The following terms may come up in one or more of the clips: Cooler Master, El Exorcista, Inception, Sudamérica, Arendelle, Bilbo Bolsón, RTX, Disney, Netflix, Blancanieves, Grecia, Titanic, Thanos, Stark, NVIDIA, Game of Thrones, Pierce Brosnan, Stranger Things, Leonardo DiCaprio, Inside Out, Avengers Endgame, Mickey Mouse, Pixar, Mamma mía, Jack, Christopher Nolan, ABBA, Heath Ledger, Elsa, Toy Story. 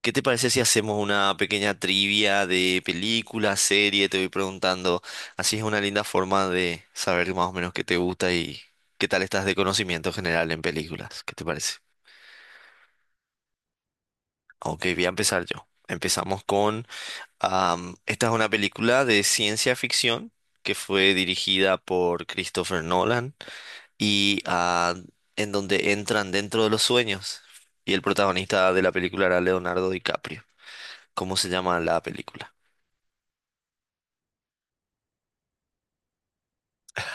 ¿Qué te parece si hacemos una pequeña trivia de película, serie? Te voy preguntando. Así es una linda forma de saber más o menos qué te gusta y qué tal estás de conocimiento general en películas. ¿Qué te parece? Ok, voy a empezar yo. Empezamos con... esta es una película de ciencia ficción que fue dirigida por Christopher Nolan y en donde entran dentro de los sueños. Y el protagonista de la película era Leonardo DiCaprio. ¿Cómo se llama la película?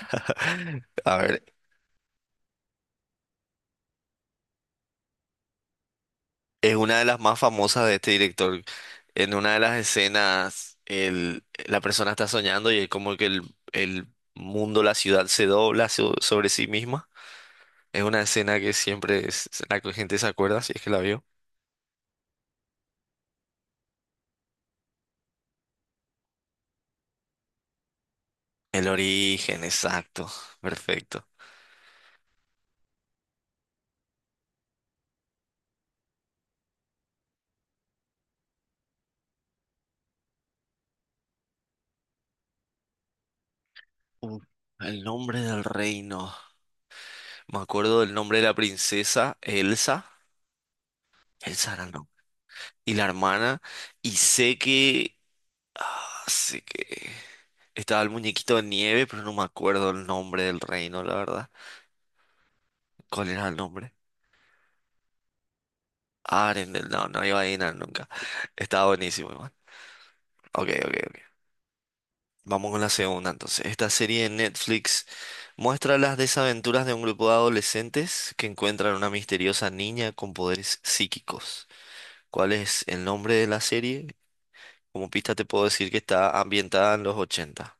A ver, es una de las más famosas de este director. En una de las escenas, la persona está soñando y es como que el mundo, la ciudad se dobla sobre sí misma. Es una escena que siempre es la que gente se acuerda, si es que la vio. El origen, exacto, perfecto. Uh, el nombre del reino. Me acuerdo del nombre de la princesa, Elsa. Elsa era, no. Y la hermana. Y sé que así que estaba el muñequito de nieve, pero no me acuerdo el nombre del reino, la verdad. ¿Cuál era el nombre? Arendelle, no, no iba a adivinar nunca. Estaba buenísimo, igual. Ok, ok, ok. Vamos con la segunda, entonces. Esta serie de Netflix muestra las desaventuras de un grupo de adolescentes que encuentran una misteriosa niña con poderes psíquicos. ¿Cuál es el nombre de la serie? Como pista te puedo decir que está ambientada en los ochenta.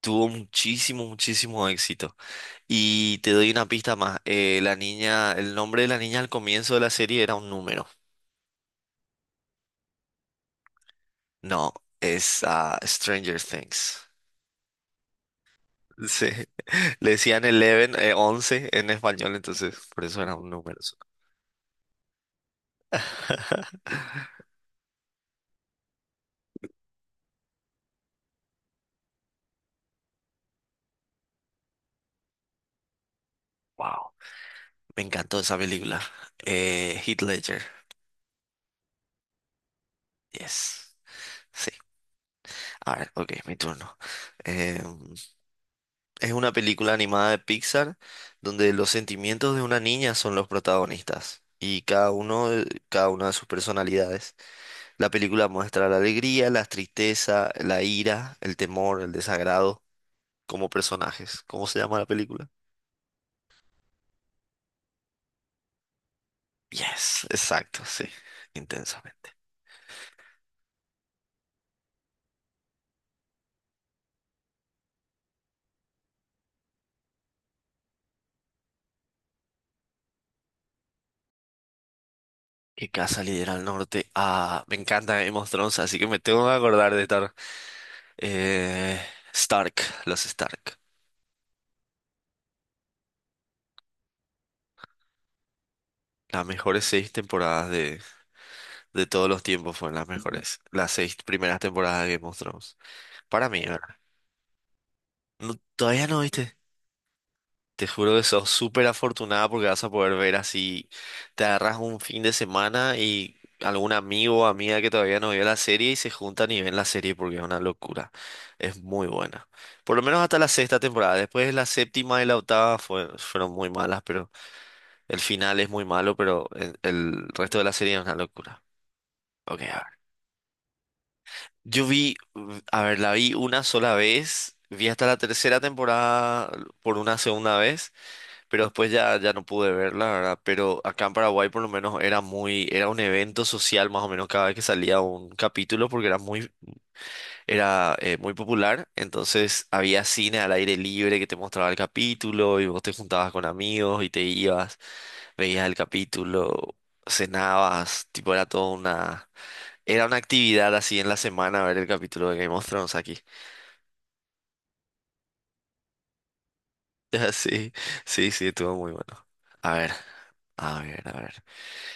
Tuvo muchísimo, muchísimo éxito. Y te doy una pista más. La niña, el nombre de la niña al comienzo de la serie era un número. No, es Stranger Things. Sí. Le decían 11, 11 en español, entonces por eso era un número. Wow. Me encantó esa película. Heath Ledger. Yes. Sí. A ver, ok, mi turno. Em, Es una película animada de Pixar donde los sentimientos de una niña son los protagonistas y cada una de sus personalidades. La película muestra la alegría, la tristeza, la ira, el temor, el desagrado como personajes. ¿Cómo se llama la película? Yes, exacto, sí, intensamente. ¿Qué casa lidera al norte? Ah, me encanta Game of Thrones, así que me tengo que acordar de estar eh, Stark, los Stark. Las mejores seis temporadas de todos los tiempos fueron las mejores. Las seis primeras temporadas de Game of Thrones. Para mí, ¿verdad? No, todavía no viste. Te juro que sos súper afortunada porque vas a poder ver así. Te agarras un fin de semana y algún amigo o amiga que todavía no vio la serie y se juntan y ven la serie porque es una locura. Es muy buena. Por lo menos hasta la sexta temporada. Después la séptima y la octava fueron muy malas, pero el final es muy malo, pero el resto de la serie es una locura. Ok, a ver. Yo vi, mm, a ver, la vi una sola vez, vi hasta la tercera temporada por una segunda vez, pero después ya no pude verla, ¿verdad? Pero acá en Paraguay por lo menos era muy, era un evento social más o menos cada vez que salía un capítulo porque era muy popular, entonces había cine al aire libre que te mostraba el capítulo y vos te juntabas con amigos y te ibas, veías el capítulo, cenabas, tipo era toda una... Era una actividad así en la semana ver el capítulo de Game of Thrones aquí. Sí, sí, sí, estuvo muy bueno. A ver, a ver, a ver.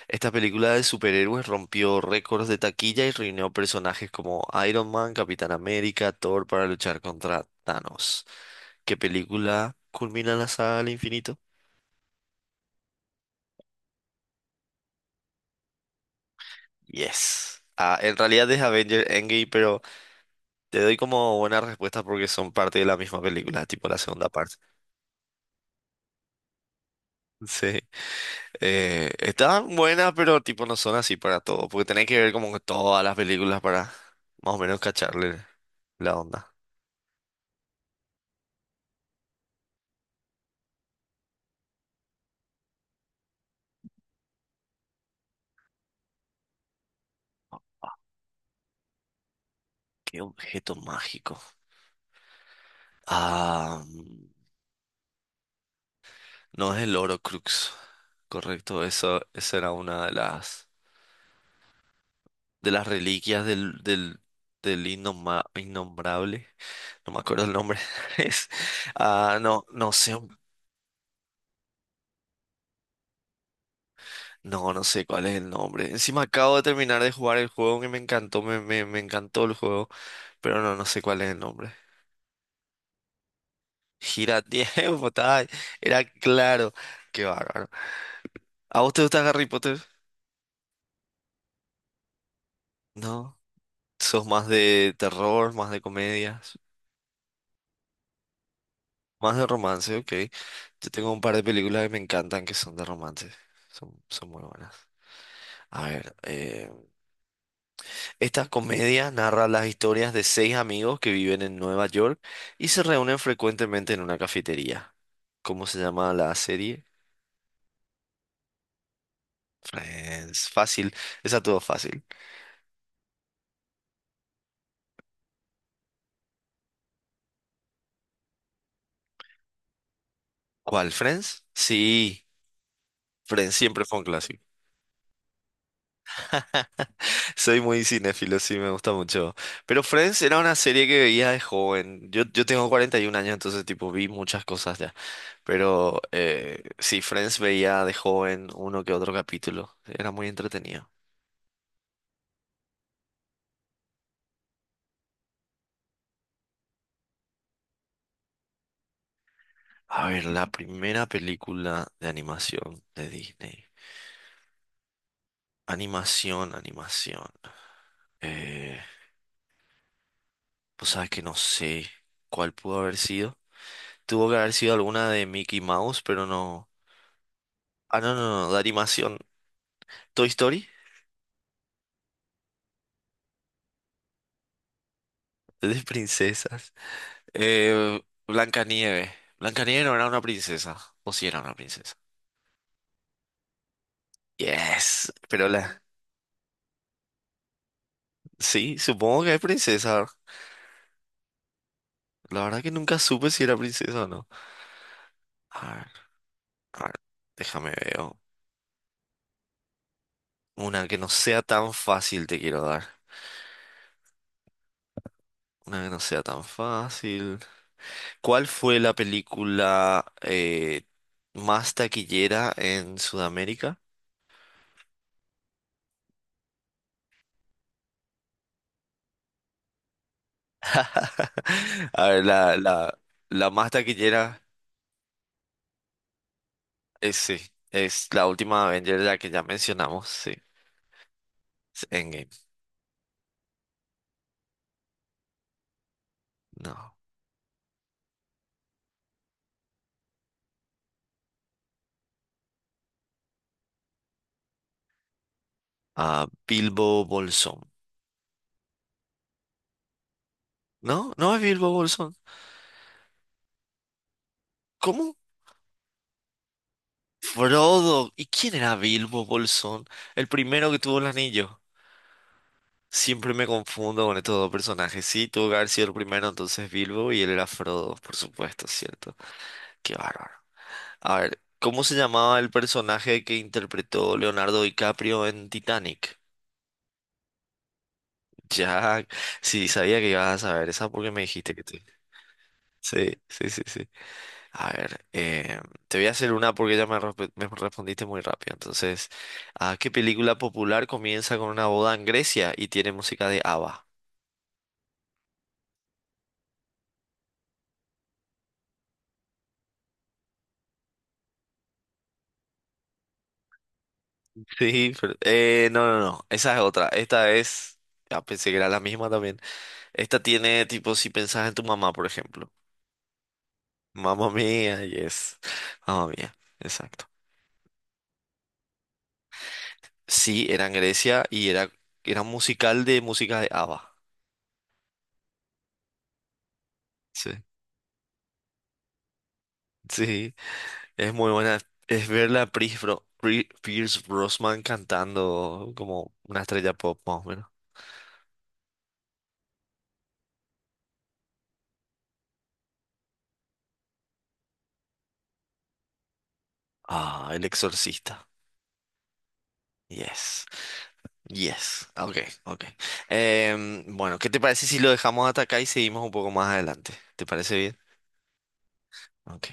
Esta película de superhéroes rompió récords de taquilla y reunió personajes como Iron Man, Capitán América, Thor para luchar contra Thanos. ¿Qué película culmina la saga al infinito? Yes. Ah, en realidad es Avengers Endgame, pero te doy como buena respuesta porque son parte de la misma película, tipo la segunda parte. Sí. Están buenas, pero tipo no son así para todo, porque tenés que ver como que todas las películas para más o menos cacharle la onda. ¿Qué objeto mágico? Ah, mm, no es el Crux correcto, eso, esa era una de las reliquias del innombrable, no me acuerdo el nombre. Es, ah, no, no sé, no, no sé cuál es el nombre. Encima acabo de terminar de jugar el juego que me encantó, me encantó el juego, pero no, no sé cuál es el nombre. Gira tiempo, tal. Era claro. Qué bárbaro. ¿A vos te gusta Harry Potter? No. ¿Sos más de terror, más de comedias, más de romance? Ok. Yo tengo un par de películas que me encantan que son de romance. Son, son muy buenas. A ver, esta comedia narra las historias de seis amigos que viven en Nueva York y se reúnen frecuentemente en una cafetería. ¿Cómo se llama la serie? Friends. Fácil. Esa todo fácil. ¿Cuál, Friends? Sí, Friends siempre fue un clásico. Soy muy cinéfilo, sí, me gusta mucho. Pero Friends era una serie que veía de joven. Yo tengo 41 años, entonces tipo vi muchas cosas ya. Pero sí, Friends veía de joven uno que otro capítulo. Era muy entretenido. A ver, la primera película de animación de Disney. Animación, animación. Eh, pues sabes que no sé cuál pudo haber sido. Tuvo que haber sido alguna de Mickey Mouse, pero no. Ah, no, no, no, de animación. Toy Story, de princesas. Eh, Blancanieves. Blancanieves no era una princesa. O sí era una princesa. Yes, pero la. Sí, supongo que es princesa. La verdad que nunca supe si era princesa o no. A ver, a ver, déjame ver. Una que no sea tan fácil te quiero dar. Una que no sea tan fácil. ¿Cuál fue la película más taquillera en Sudamérica? A ver, la más taquillera es, sí, es la última Avenger, la que ya mencionamos, sí. Es Endgame. No. Ah, Bilbo Bolsón. No, no es Bilbo Bolsón. ¿Cómo? Frodo. ¿Y quién era Bilbo Bolsón? El primero que tuvo el anillo. Siempre me confundo con estos dos personajes. Sí, tuvo que haber sido el primero entonces Bilbo y él era Frodo, por supuesto, ¿cierto? Qué bárbaro. A ver, ¿cómo se llamaba el personaje que interpretó Leonardo DiCaprio en Titanic? Jack. Sí, sabía que ibas a saber esa porque me dijiste que te... Sí, sí, sí, sí. A ver, te voy a hacer una porque ya me respondiste muy rápido. Entonces, ¿a qué película popular comienza con una boda en Grecia y tiene música de ABBA? Sí, pero- no, no, no, esa es otra. Esta es, ya pensé que era la misma también. Esta tiene tipo, si pensás en tu mamá, por ejemplo. Mamma mía, yes. Mamma mía, exacto. Sí, era en Grecia y era, era un musical de música de ABBA. Sí, sí, es muy buena. Es verla a Pierce Brosnan cantando como una estrella pop, más o menos. Ah, El Exorcista. Yes. Yes, ok, ok. Em, bueno, ¿qué te parece si lo dejamos hasta acá y seguimos un poco más adelante? ¿Te parece bien? Ok.